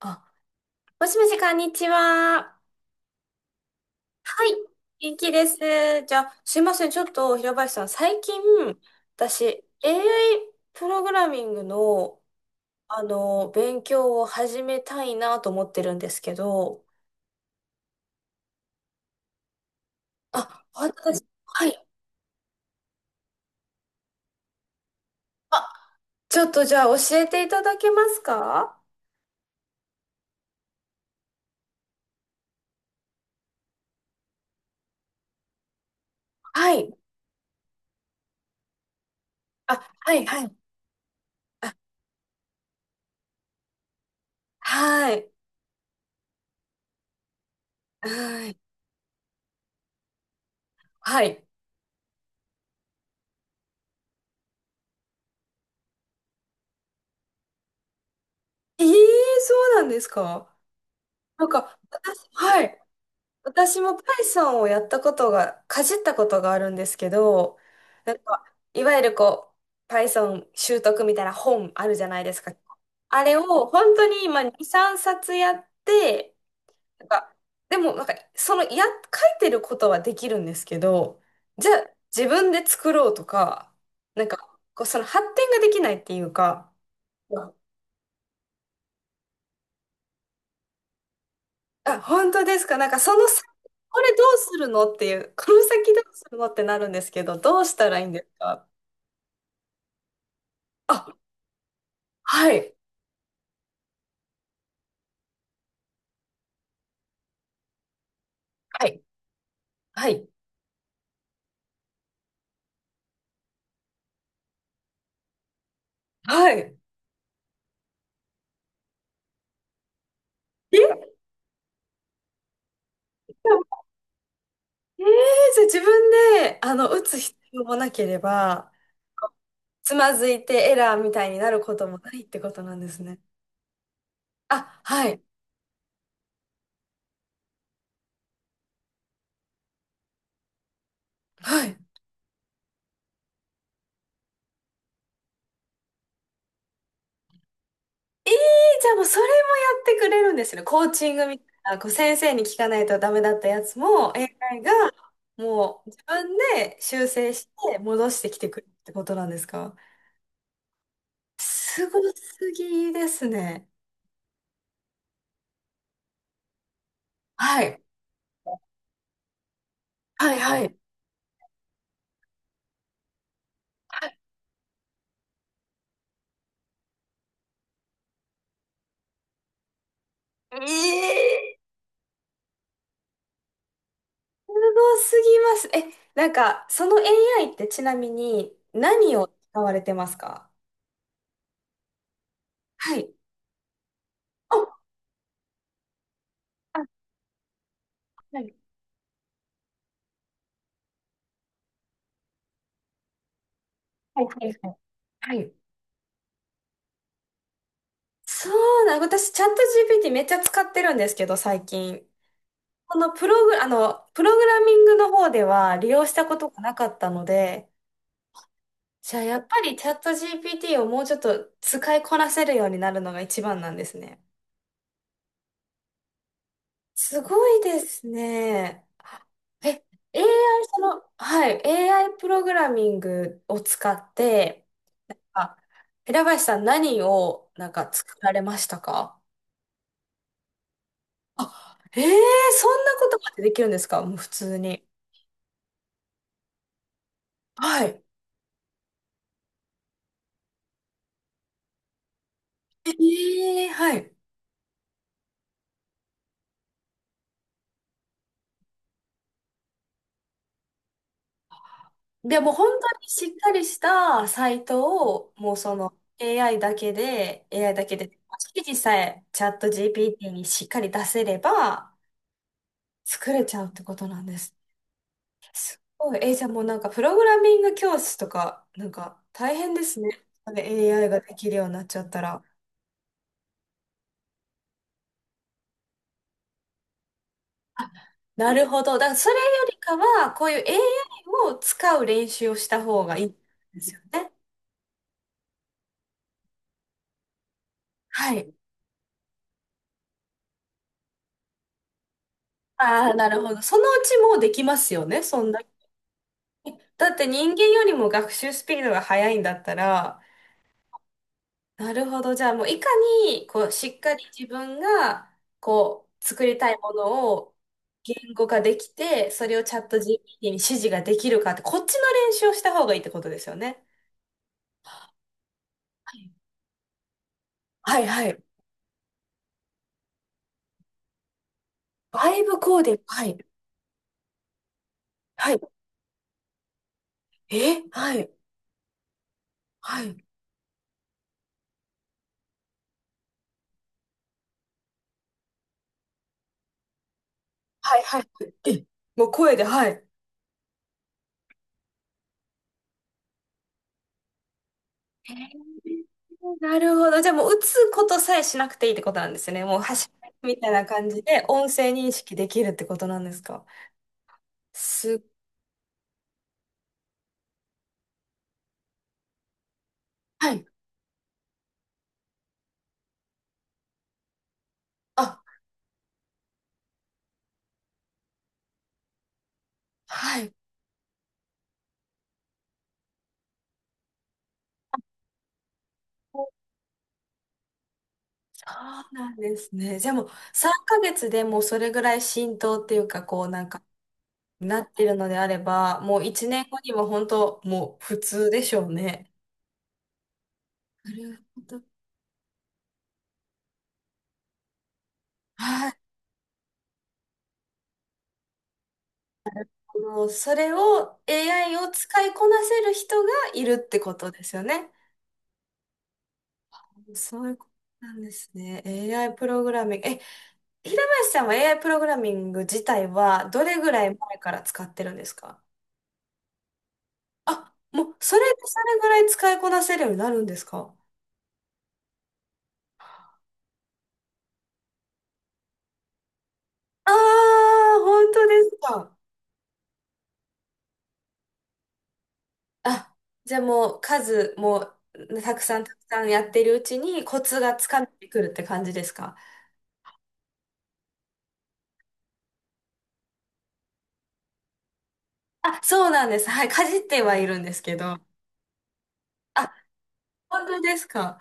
あ、もしもし、こんにちは。はい。元気です。じゃあ、すいません。ちょっと、平林さん、最近、私、AI プログラミングの、勉強を始めたいなと思ってるんですけど、あ、私、はい。あ、ちょっと、じゃあ、教えていただけますか？はい。あ、はい、はい。はい。はい。はい。ええ、そうなんですか？なんか、私、はい。私も Python をやったことが、かじったことがあるんですけど、なんか、いわゆるこう、Python 習得みたいな本あるじゃないですか。あれを本当に今2、3冊やって、なんか、でもなんか、その、書いてることはできるんですけど、じゃあ自分で作ろうとか、なんか、こう、その発展ができないっていうか、あ、本当ですか。なんかその先、これどうするのっていう、この先どうするのってなるんですけど、どうしたらいいんですか？あ、はい、はい。はい。はい。え、えー、じゃあ自分で、打つ必要もなければ、つまずいてエラーみたいになることもないってことなんですね。あ、はい、はい。じゃあもうそれもやってくれるんですよね。コーチングみたいな、こう先生に聞かないとダメだったやつも AI がもう自分で修正して戻してきてくるってことなんですか？すごすぎですね。はい。はい、はい。ええ、すごすぎます。え、なんか、その AI ってちなみに何を使われてますか？はい。あ、あ、はい、はい、はい、はい。はい。そうな、私、チャット GPT めっちゃ使ってるんですけど、最近。このプログラミングの方では利用したことがなかったので、じゃあやっぱりチャット GPT をもうちょっと使いこなせるようになるのが一番なんですね。すごいですね。え、AI、その、はい、AI プログラミングを使って、あ、平林さん何をなんか作られましたか？あ、ええ、そんなことまでできるんですか？もう普通に。はい。ええ、はい。で、もう本当にしっかりしたサイトを、もうその AI だけで、AI だけで、指示さえチャット GPT にしっかり出せれば作れちゃうってことなんです。すいえーじゃあもうなんかプログラミング教室とか、なんか大変ですね。それ AI ができるようになっちゃったら。なるほど。だからそれよりかは、こういう AI を使う練習をした方がいいんですよね。はい。ああ、なるほど。そのうちもうできますよね、そんだけ。だって人間よりも学習スピードが速いんだったら、なるほど。じゃあもういかに、こう、しっかり自分が、こう、作りたいものを言語化できて、それをチャット GPT に指示ができるかって、こっちの練習をした方がいいってことですよね。はい、はい、はい。バイブコーディング。はい。はい、え、はい、はい、はい、はい。え、もう声で、はい。へー、なるほど。じゃあもう打つことさえしなくていいってことなんですね。もう走るみたいな感じで音声認識できるってことなんですか？すっはい。あ、はい。そうなんですね。じゃあもう3ヶ月でもうそれぐらい浸透っていうか、こうなんかなってるのであれば、もう1年後には本当もう普通でしょうね。なるほど。はい。もうそれを AI を使いこなせる人がいるってことですよね。そういうことなんですね。AI プログラミング。え、平林さんは AI プログラミング自体はどれぐらい前から使ってるんですか？あ、もうそれぐらい使いこなせるようになるんですか？ああー、本当ですか。あ、じゃあもう数もたくさんたくさんやってるうちにコツがつかめてくるって感じですか？あ、そうなんです。はい、かじってはいるんですけど。あ、本当ですか。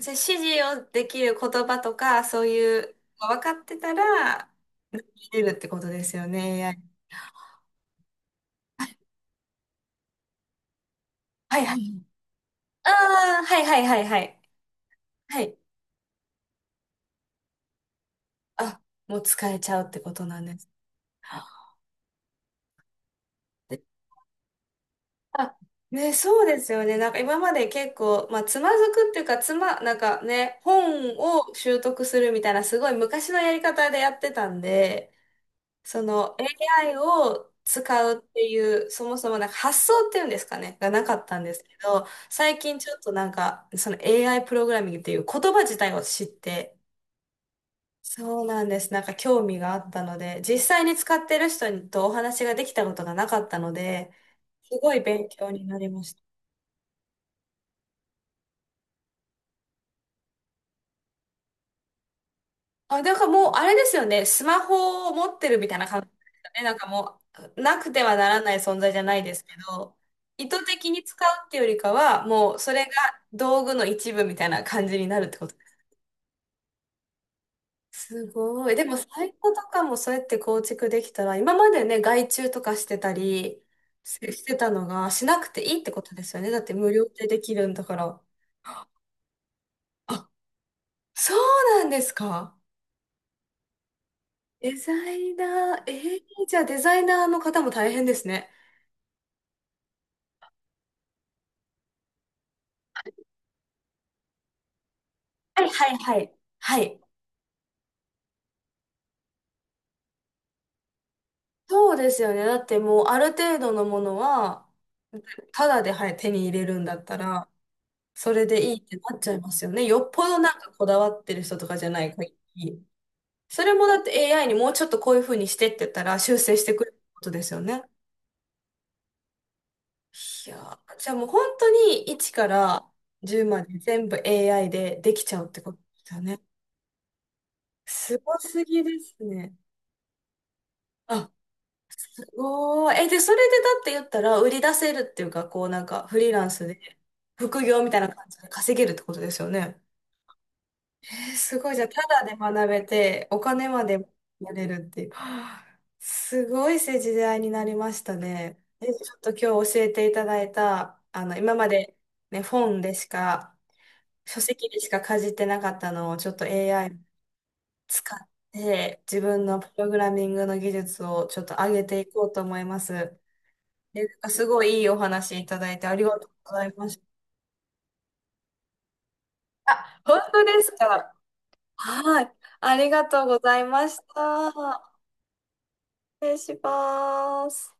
じゃあ、指示をできる言葉とか、そういうの分かってたら、入れるってことですよね、AI。はい、はい。ああ、はい、はい、はい、はい。はい。あ、もう使えちゃうってことなんです。で、あ、ね、そうですよね。なんか今まで結構、まあ、つまずくっていうか、なんかね、本を習得するみたいな、すごい昔のやり方でやってたんで、その AI を使うっていう、そもそもなんか発想っていうんですかね、がなかったんですけど、最近ちょっとなんか、その AI プログラミングっていう言葉自体を知って、そうなんです。なんか興味があったので、実際に使ってる人とお話ができたことがなかったので、すごい勉強になりました。あ、だからもう、あれですよね。スマホを持ってるみたいな感じですよね。なんかもう、なくてはならない存在じゃないですけど、意図的に使うっていうよりかは、もう、それが道具の一部みたいな感じになるってこと。すごい。でも、サイトとかもそうやって構築できたら、今までね、外注とかしてたりししてたのが、しなくていいってことですよね。だって無料でできるんだから。あ、そうなんですか。デザイナー、えー、じゃあデザイナーの方も大変ですね。はい、はい、はい。はい。そうですよね。だってもうある程度のものは、ただで、はい、手に入れるんだったら、それでいいってなっちゃいますよね。よっぽどなんかこだわってる人とかじゃない限り。それもだって AI にもうちょっとこういう風にしてって言ったら修正してくれることですよね。いやー、じゃあもう本当に1から10まで全部 AI でできちゃうってことですよね。すごすぎですね。あ、おー、え、で、それでだって言ったら、売り出せるっていうか、こうなんか、フリーランスで、副業みたいな感じで稼げるってことですよね。え、すごい、じゃあ、ただで学べて、お金までやれるっていう。はあ、すごい時代になりましたね。え、ちょっと今日教えていただいた、今までね、本でしか、書籍でしかかじってなかったのを、ちょっと AI 使って、自分のプログラミングの技術をちょっと上げていこうと思います。で、すごいいいお話いただいてありがとうございました。あ、本当ですか。はい。ありがとうございました。失礼します。